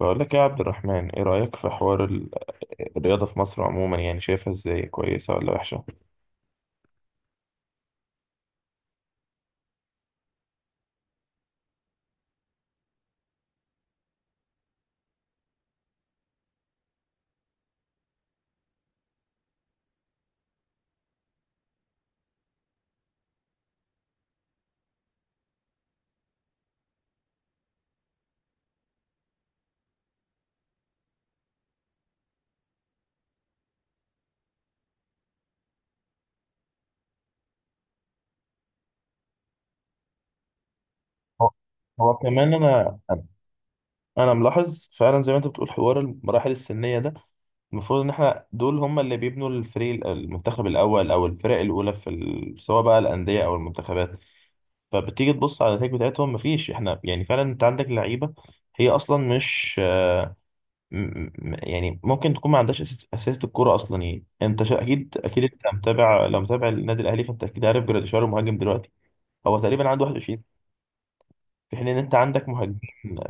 بقول لك يا عبد الرحمن، ايه رأيك في حوار الرياضة في مصر عموما؟ يعني شايفها ازاي، كويسة ولا وحشة؟ هو هو كمان انا ملاحظ فعلا زي ما انت بتقول حوار المراحل السنية ده. المفروض ان احنا دول هم اللي بيبنوا الفريق المنتخب الاول او الفرق الاولى سواء بقى الأندية او المنتخبات. فبتيجي تبص على النتائج بتاعتهم، مفيش، احنا يعني فعلا انت عندك لعيبة هي اصلا مش، م- يعني ممكن تكون ما عندهاش اساسة الكوره اصلا. يعني اكيد اكيد انت متابع، لو متابع النادي الاهلي فانت اكيد عارف جراديشار المهاجم دلوقتي. هو تقريبا عنده 21. في حين ان انت عندك مهاجمين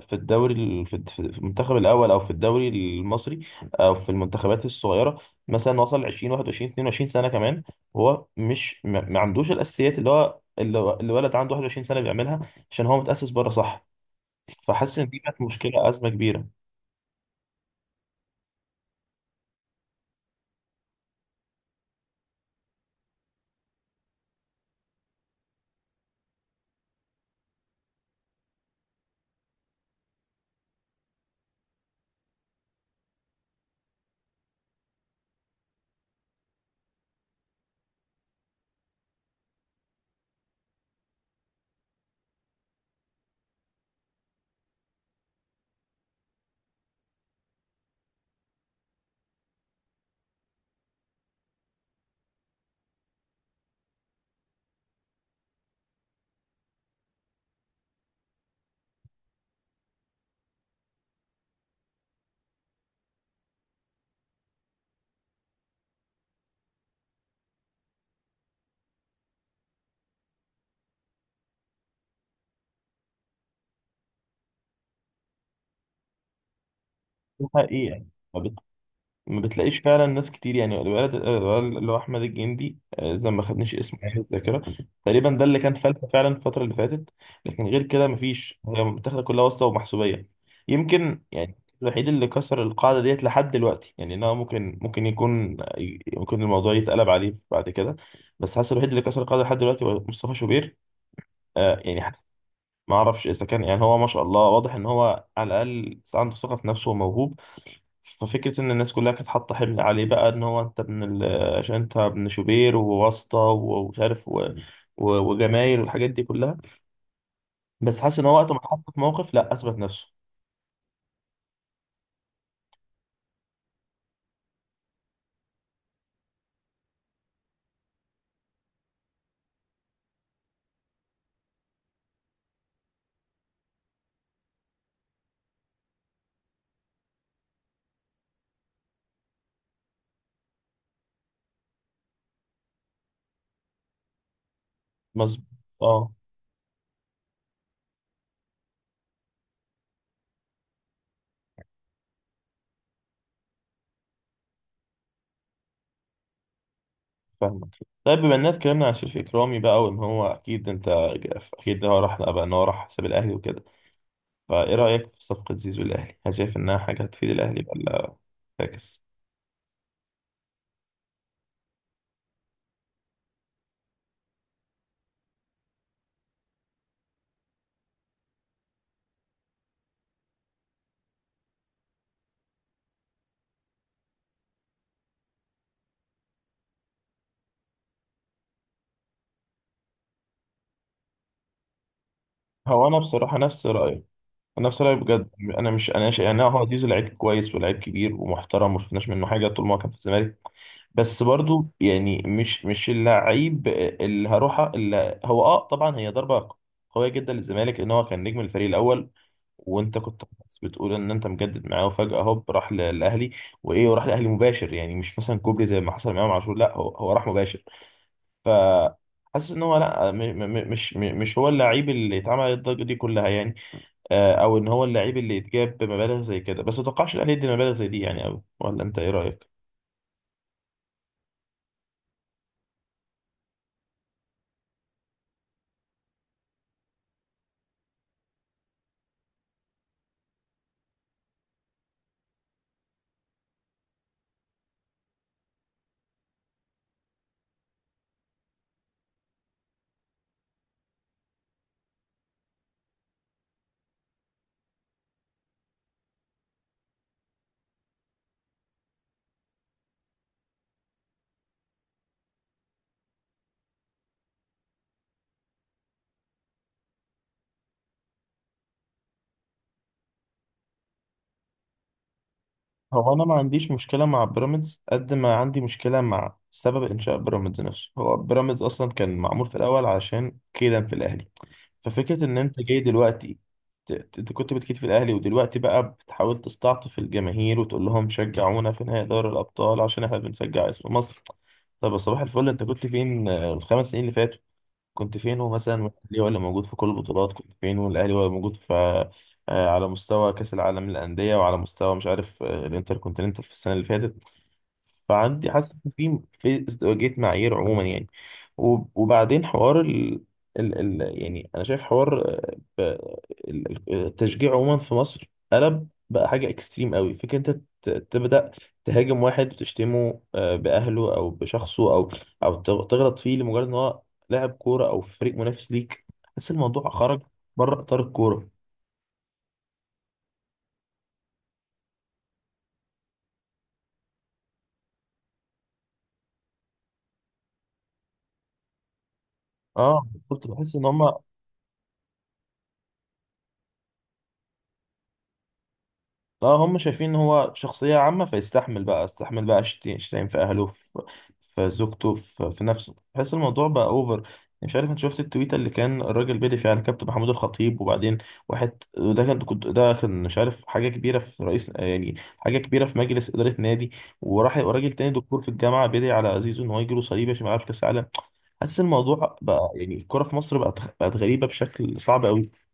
في في المنتخب الاول او في الدوري المصري او في المنتخبات الصغيره مثلا وصل 20 21 22 سنه كمان، وهو مش ما عندوش الاساسيات اللي اللي ولد عنده 21 سنه بيعملها، عشان هو متاسس بره. صح. فحاسس ان دي كانت مشكله، ازمه كبيره. دي حقيقه. ما بتلاقيش فعلا ناس كتير، يعني الولد اللي هو احمد الجندي، زي ما خدنيش اسمه يعني في الذاكره. تقريبا ده اللي كان فلتة فعلا الفتره اللي فاتت. لكن غير كده مفيش، هي متاخده كلها واسطه ومحسوبيه. يمكن يعني الوحيد اللي كسر القاعده ديت لحد دلوقتي، يعني ان هو ممكن، يكون، ممكن الموضوع يتقلب عليه بعد كده، بس حاسس الوحيد اللي كسر القاعده لحد دلوقتي هو مصطفى شوبير. يعني حاسس، ما اعرفش اذا كان، يعني هو ما شاء الله واضح ان هو على الاقل عنده ثقه في نفسه وموهوب. ففكرة إن الناس كلها كانت حاطة حمل عليه بقى إن هو عشان أنت ابن شوبير وواسطة ومش عارف وجمايل والحاجات دي كلها. بس حاسس إن هو وقت ما اتحط في موقف، لأ، أثبت نفسه. مظبوط. أه، فاهمك. طيب، بما إننا اتكلمنا عن شريف إكرامي بقى وإن هو أكيد أنت، أكيد هو راح بقى، إن هو راح حساب الأهلي وكده، فإيه رأيك في صفقة زيزو الأهلي؟ هل شايف إنها حاجة هتفيد الأهلي ولا فاكس؟ هو أنا بصراحة نفس رأيك، نفس رأيي بجد. انا مش، انا شايف يعني هو زيزو لعيب كويس ولاعيب كبير ومحترم، وما شفناش منه حاجه طول ما هو كان في الزمالك. بس برضو يعني مش اللعيب اللي هروح، اللي هو طبعا. هي ضربه قويه جدا للزمالك لان هو كان نجم الفريق الاول، وانت كنت بتقول ان انت مجدد معاه، وفجاه هوب راح للاهلي. وايه، وراح للاهلي مباشر، يعني مش مثلا كوبري زي ما حصل معاه مع امام عاشور، لا هو هو راح مباشر. ف حاسس ان هو لا، مش مش هو اللعيب اللي اتعمل الضجه دي كلها يعني. او ان هو اللعيب اللي يتجاب بمبالغ زي كده، بس ما اتوقعش الاهلي يدي مبالغ زي دي يعني قوي، ولا انت ايه رايك؟ هو انا ما عنديش مشكله مع بيراميدز قد ما عندي مشكله مع سبب انشاء بيراميدز نفسه. هو بيراميدز اصلا كان معمول في الاول علشان كيدا في الاهلي. ففكره ان انت جاي دلوقتي، انت كنت بتكيد في الاهلي ودلوقتي بقى بتحاول تستعطف الجماهير وتقول لهم شجعونا في نهائي دوري الابطال عشان احنا بنشجع اسم مصر. طب يا صباح الفل، انت كنت فين الخمس سنين اللي فاتوا؟ كنت فين مثلا، الاهلي ولا موجود في كل البطولات، كنت فين والاهلي ولا موجود في آه، على مستوى كاس العالم للانديه، وعلى مستوى مش عارف الانتر كونتيننتال في السنه اللي فاتت. فعندي، حاسس ان في ازدواجية معايير عموما يعني. وبعدين حوار يعني انا شايف حوار، التشجيع عموما في مصر قلب بقى حاجة اكستريم قوي. فكرة انت تبدأ تهاجم واحد وتشتمه بأهله او بشخصه، او تغلط فيه لمجرد ان هو لاعب كورة او في فريق منافس ليك. حاسس الموضوع خرج بره اطار الكورة. اه كنت بحس ان هم، لا هم شايفين ان هو شخصية عامة فيستحمل بقى، استحمل بقى شتايم في اهله، في زوجته، في نفسه. بحس الموضوع بقى اوفر. مش عارف، انت شفت التويتة اللي كان الراجل بيدي فيها على كابتن محمود الخطيب وبعدين، واحد ده كان، مش عارف، حاجة كبيرة في رئيس، يعني حاجة كبيرة في مجلس إدارة نادي، وراح، وراجل تاني دكتور في الجامعة بيدعي على زيزو ان هو يجيله صليبي عشان ما يلعبش كأس العالم. حاسس الموضوع بقى، يعني الكورة في مصر بقت غريبة بشكل صعب قوي.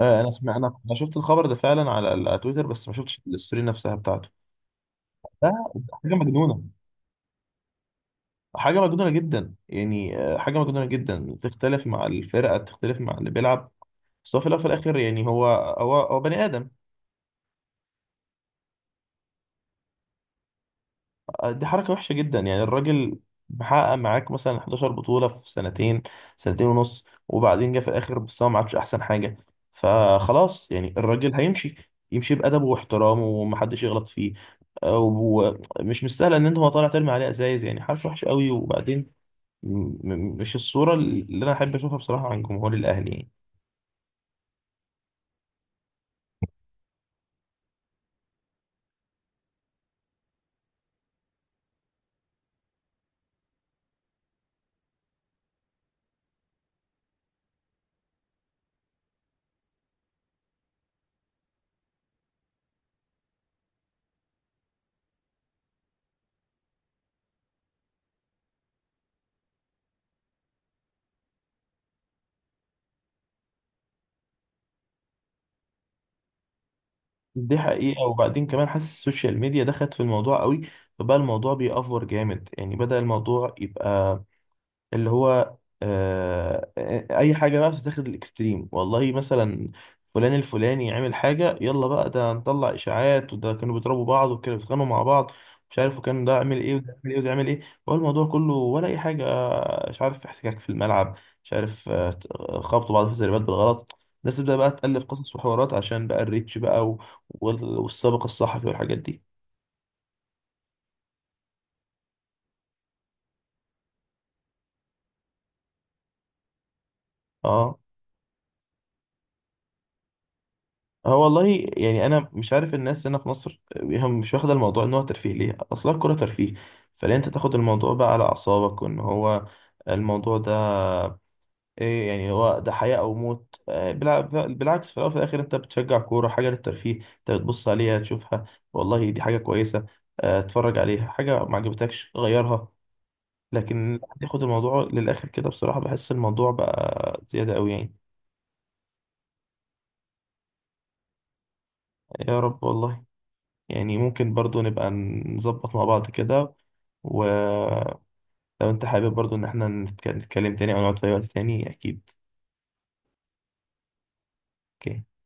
انا سمعت، انا شفت الخبر ده فعلا على على تويتر، بس ما شفتش الستوري نفسها بتاعته. ده حاجه مجنونه، حاجه مجنونه جدا يعني. حاجه مجنونه جدا. تختلف مع الفرقه، تختلف مع اللي بيلعب، بس هو في الأول وفي الاخر يعني هو هو بني ادم. دي حركة وحشة جدا يعني. الراجل محقق معاك مثلا 11 بطولة في سنتين، سنتين ونص، وبعدين جه في الآخر مستواه ما عادش أحسن حاجة، فخلاص يعني الراجل هيمشي، يمشي بأدبه واحترامه ومحدش يغلط فيه. ومش مستاهل إن أنت، هو طالع ترمي عليه أزايز، يعني حركة وحشة قوي. وبعدين مش الصورة اللي أنا أحب أشوفها بصراحة عن جمهور الأهلي يعني. دي حقيقة، وبعدين كمان حاسس السوشيال ميديا دخلت في الموضوع قوي. فبقى الموضوع بيأفور جامد، يعني بدأ الموضوع يبقى اللي هو، آه اي حاجه بقى بتتاخد الاكستريم. والله، مثلا فلان الفلاني عمل حاجه، يلا بقى ده نطلع اشاعات، وده كانوا بيضربوا بعض، وكانوا بيتخانقوا مع بعض، مش عارف، وكان ده عمل ايه، وده عمل ايه، وده عمل ايه. هو الموضوع كله، ولا اي حاجه، مش عارف، احتكاك في الملعب، مش عارف، خبطوا بعض في التدريبات بالغلط. الناس تبدا بقى تالف قصص وحوارات عشان بقى الريتش بقى، والسابق الصحفي والحاجات دي. اه هو والله، يعني انا مش عارف الناس هنا في مصر هم مش واخده الموضوع ان هو ترفيه ليه؟ اصلا الكوره ترفيه، فليه انت تاخد الموضوع بقى على اعصابك، وان هو الموضوع ده ايه يعني، هو ده حياه او موت؟ بالعكس. في الاول وفي الاخر انت بتشجع كوره، حاجه للترفيه، انت بتبص عليها تشوفها، والله دي حاجه كويسه، اتفرج عليها. حاجه ما عجبتكش، غيرها. لكن تاخد الموضوع للاخر كده بصراحه، بحس الموضوع بقى زياده قوي يعني. يا رب والله. يعني ممكن برضو نبقى نظبط مع بعض كده، ولو انت حابب برضو ان احنا نتكلم تاني او نقعد في اي وقت تاني، اكيد. اوكي.